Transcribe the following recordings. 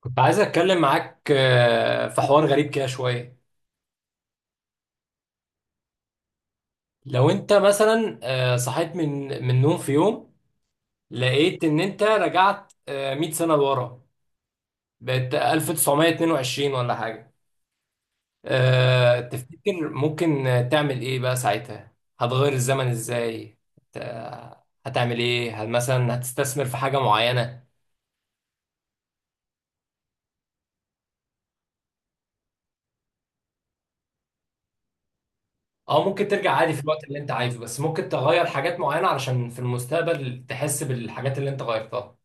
كنت عايز اتكلم معاك في حوار غريب كده شويه. لو انت مثلا صحيت من نوم في يوم. لقيت ان انت رجعت 100 سنه لورا. بقت 1922 ولا حاجه. تفتكر ممكن تعمل ايه بقى ساعتها؟ هتغير الزمن ازاي؟ هت- هتعمل ايه؟ هل مثلا هتستثمر في حاجه معينه؟ اه، ممكن ترجع عادي في الوقت اللي انت عايزه، بس ممكن تغير حاجات معينه علشان في المستقبل تحس بالحاجات اللي انت غيرتها.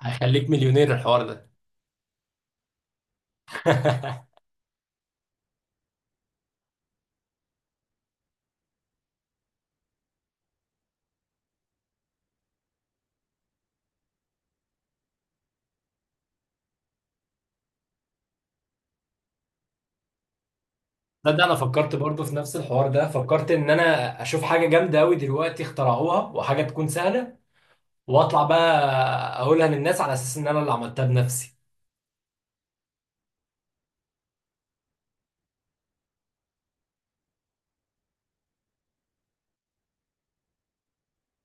هيخليك مليونير الحوار ده. تصدق؟ انا فكرت برضه في نفس الحوار ده، فكرت ان انا اشوف حاجه جامده قوي دلوقتي اخترعوها وحاجه تكون سهله، واطلع بقى اقولها للناس على اساس ان انا اللي عملتها بنفسي.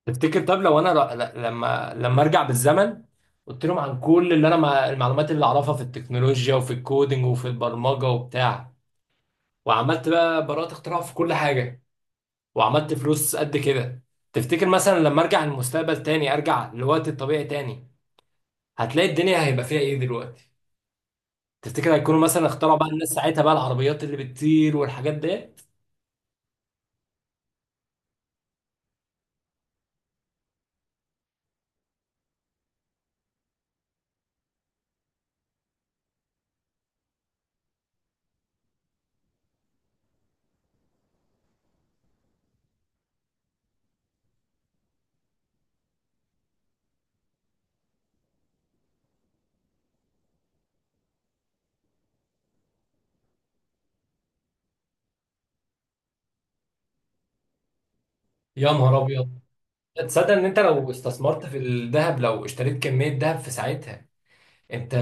تفتكر؟ طب لو انا لما ارجع بالزمن قلت لهم عن كل اللي انا، مع المعلومات اللي اعرفها في التكنولوجيا وفي الكودينج وفي البرمجه وبتاع، وعملت بقى براءة اختراع في كل حاجه، وعملت فلوس قد كده. تفتكر مثلا لما ارجع المستقبل تاني، ارجع لوقت الطبيعي تاني، هتلاقي الدنيا هيبقى فيها ايه دلوقتي؟ تفتكر هيكونوا مثلا اخترعوا بقى الناس ساعتها بقى العربيات اللي بتطير والحاجات ديت؟ يا نهار ابيض! تصدق ان انت لو استثمرت في الذهب، لو اشتريت كمية ذهب في ساعتها، انت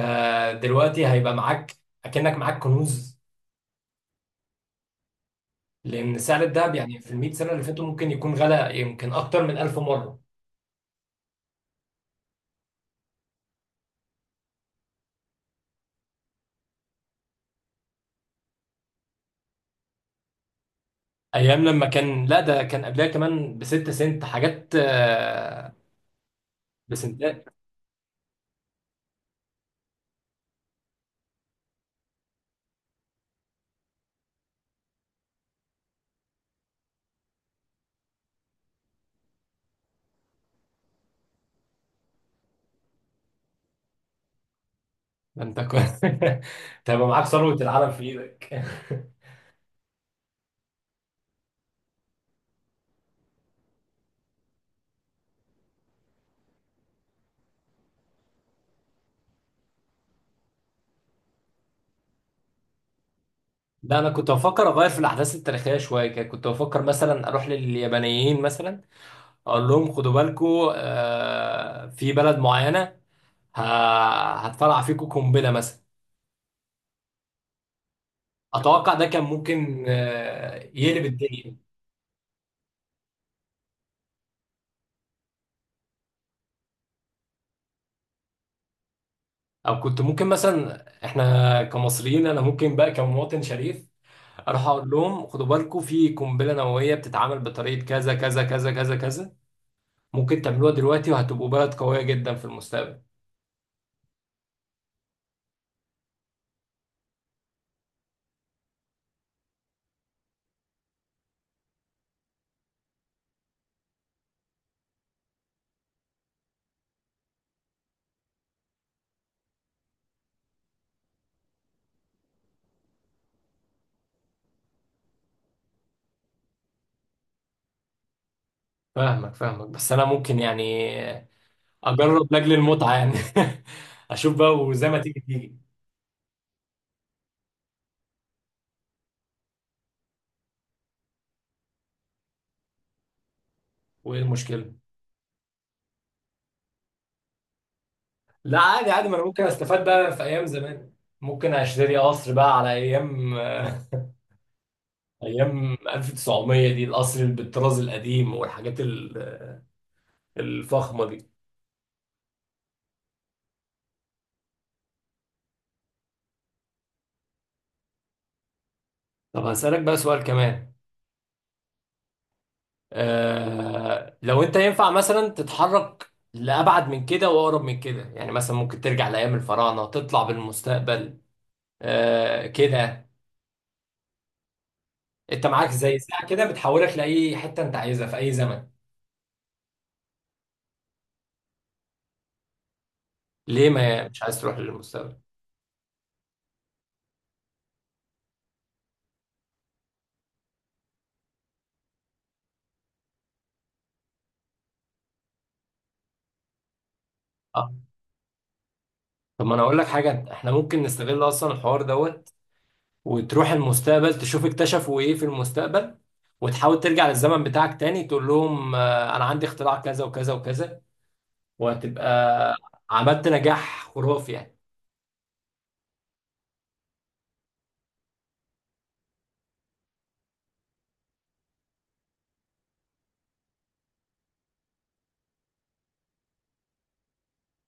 دلوقتي هيبقى معاك، اكنك معاك كنوز. لان سعر الذهب يعني في المئة سنة اللي فاتوا ممكن يكون غلى، يمكن اكتر من ألف مرة. ايام لما كان، لا ده كان قبلها كمان بستة سنت حاجات بسنتات. ده انت كنت تبقى معاك ثروة العالم في ايدك. لا، انا كنت بفكر اغير في الاحداث التاريخيه شويه كده. كنت بفكر مثلا اروح لليابانيين مثلا، اقول لهم خدوا بالكم، آه، في بلد معينه هتفرقع فيكم قنبله مثلا. اتوقع ده كان ممكن يقلب الدنيا. او كنت ممكن مثلا، احنا كمصريين، انا ممكن بقى كمواطن شريف اروح اقول لهم خدوا بالكم، في قنبله نوويه بتتعمل بطريقه كذا كذا كذا كذا كذا. ممكن تعملوها دلوقتي وهتبقوا بلد قويه جدا في المستقبل. فاهمك فاهمك، بس انا ممكن يعني اجرب لاجل المتعه يعني. اشوف بقى وزي ما تيجي تيجي. وايه المشكله؟ لا، عادي عادي، ما انا ممكن استفاد بقى في ايام زمان. ممكن اشتري قصر بقى على ايام، ايام 1900 دي، القصر اللي بالطراز القديم والحاجات الفخمه دي. طب هسألك بقى سؤال كمان. لو انت ينفع مثلا تتحرك لأبعد من كده وأقرب من كده، يعني مثلا ممكن ترجع لأيام الفراعنة، تطلع بالمستقبل، آه، كده. انت معاك زي ساعه كده بتحولك لاي حته انت عايزها في اي زمن. ليه؟ ما مش عايز تروح للمستقبل؟ اه، طب ما انا اقول لك حاجه، احنا ممكن نستغل اصلا الحوار دوت، وتروح المستقبل تشوف اكتشفوا ايه في المستقبل، وتحاول ترجع للزمن بتاعك تاني، تقول لهم انا عندي اختراع كذا وكذا وكذا، وهتبقى عملت نجاح خرافي يعني.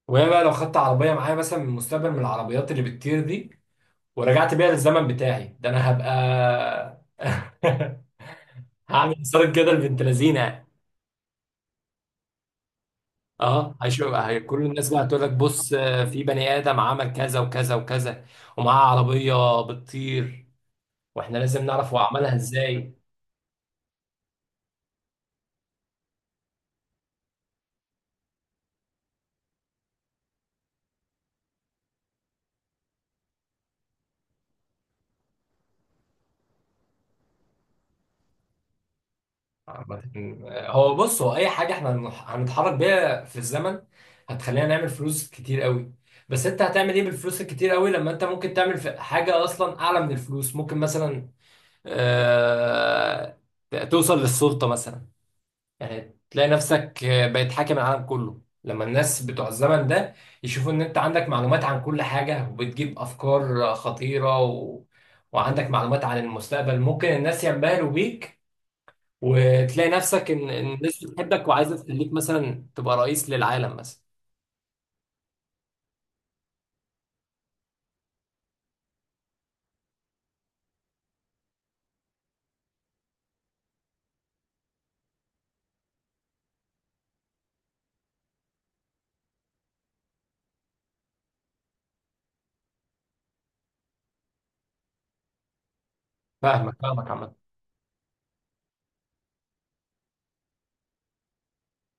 وهي بقى لو خدت عربيه معايا مثلا من المستقبل، من العربيات اللي بتطير دي، ورجعت بيها للزمن بتاعي ده، انا هبقى هعمل صارت كده البنت لذينه يعني. اه، هيشوف كل الناس بقى هتقول لك بص، في بني ادم عمل كذا وكذا وكذا، ومعاه عربيه بتطير، واحنا لازم نعرف هو عملها ازاي. عامة، هو بص، هو اي حاجه احنا هنتحرك بيها في الزمن هتخلينا نعمل فلوس كتير قوي. بس انت هتعمل ايه بالفلوس الكتير قوي لما انت ممكن تعمل حاجه اصلا اعلى من الفلوس؟ ممكن مثلا، آه توصل للسلطه مثلا، يعني تلاقي نفسك بقيت حاكم العالم كله لما الناس بتوع الزمن ده يشوفوا ان انت عندك معلومات عن كل حاجة وبتجيب افكار خطيرة وعندك معلومات عن المستقبل، ممكن الناس ينبهروا بيك وتلاقي نفسك ان إن الناس بتحبك وعايزة تخليك مثلا تبقى رئيس للعالم مثلا. فاهمك فاهمك، عامة.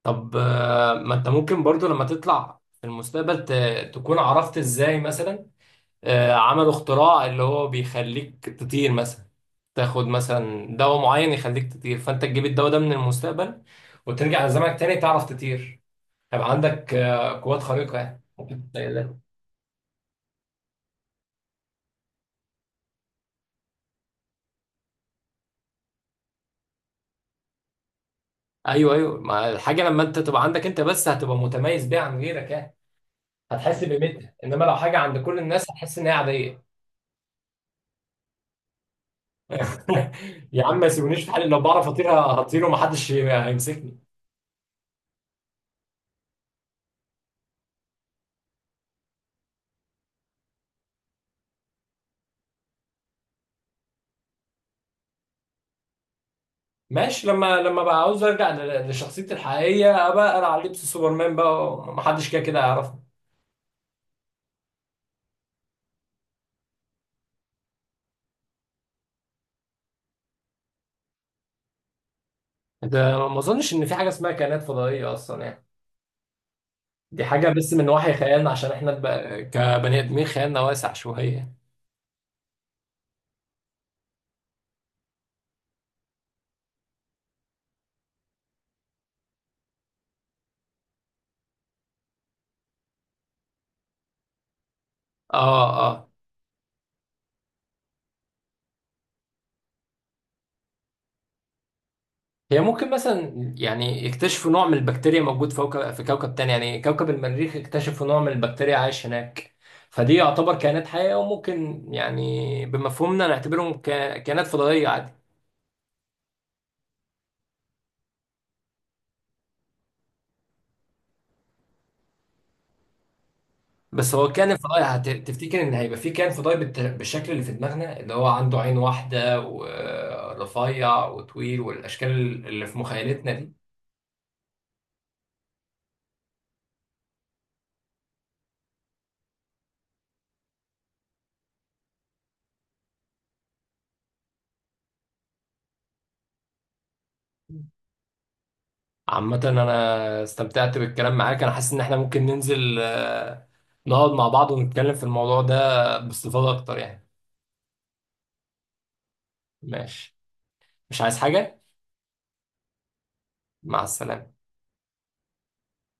طب، ما انت ممكن برضو لما تطلع في المستقبل تكون عرفت ازاي مثلا، عملوا اختراع اللي هو بيخليك تطير مثلا. تاخد مثلا دواء معين يخليك تطير، فانت تجيب الدواء ده من المستقبل وترجع لزمنك تاني تعرف تطير. هيبقى عندك، قوات خارقة، يعني ممكن تتخيل ده. ايوه ايوه، ما الحاجة لما انت تبقى عندك انت بس هتبقى متميز بيها عن غيرك يعني. هتحس بقيمتها، انما لو حاجة عند كل الناس هتحس ان هي عادية. يا عم، ما يسيبونيش في حالي، لو بعرف اطير هطير ومحدش هيمسكني. ماشي، لما بقى عاوز ارجع لشخصيتي الحقيقيه، ابقى انا على لبس سوبرمان بقى ومحدش كده كده يعرفني. ده ما اظنش ان في حاجه اسمها كائنات فضائيه اصلا، يعني دي حاجه بس من وحي خيالنا عشان احنا بقى كبني ادمين خيالنا واسع شويه. اه اه. هي ممكن مثلا يعني يكتشفوا نوع من البكتيريا موجود فوق في كوكب تاني، يعني كوكب المريخ اكتشفوا نوع من البكتيريا عايش هناك. فدي يعتبر كائنات حيه، وممكن يعني بمفهومنا نعتبرهم كائنات فضائيه عادي. بس هو كان فضاي، تفتكر ان هيبقى في كان فضاي بالشكل اللي في دماغنا، اللي هو عنده عين واحده ورفيع وطويل والاشكال اللي في مخيلتنا دي؟ عامه انا استمتعت بالكلام معاك، انا حاسس ان احنا ممكن ننزل، نقعد مع بعض ونتكلم في الموضوع ده باستفاضه اكتر يعني. ماشي، مش عايز حاجه. مع السلامه.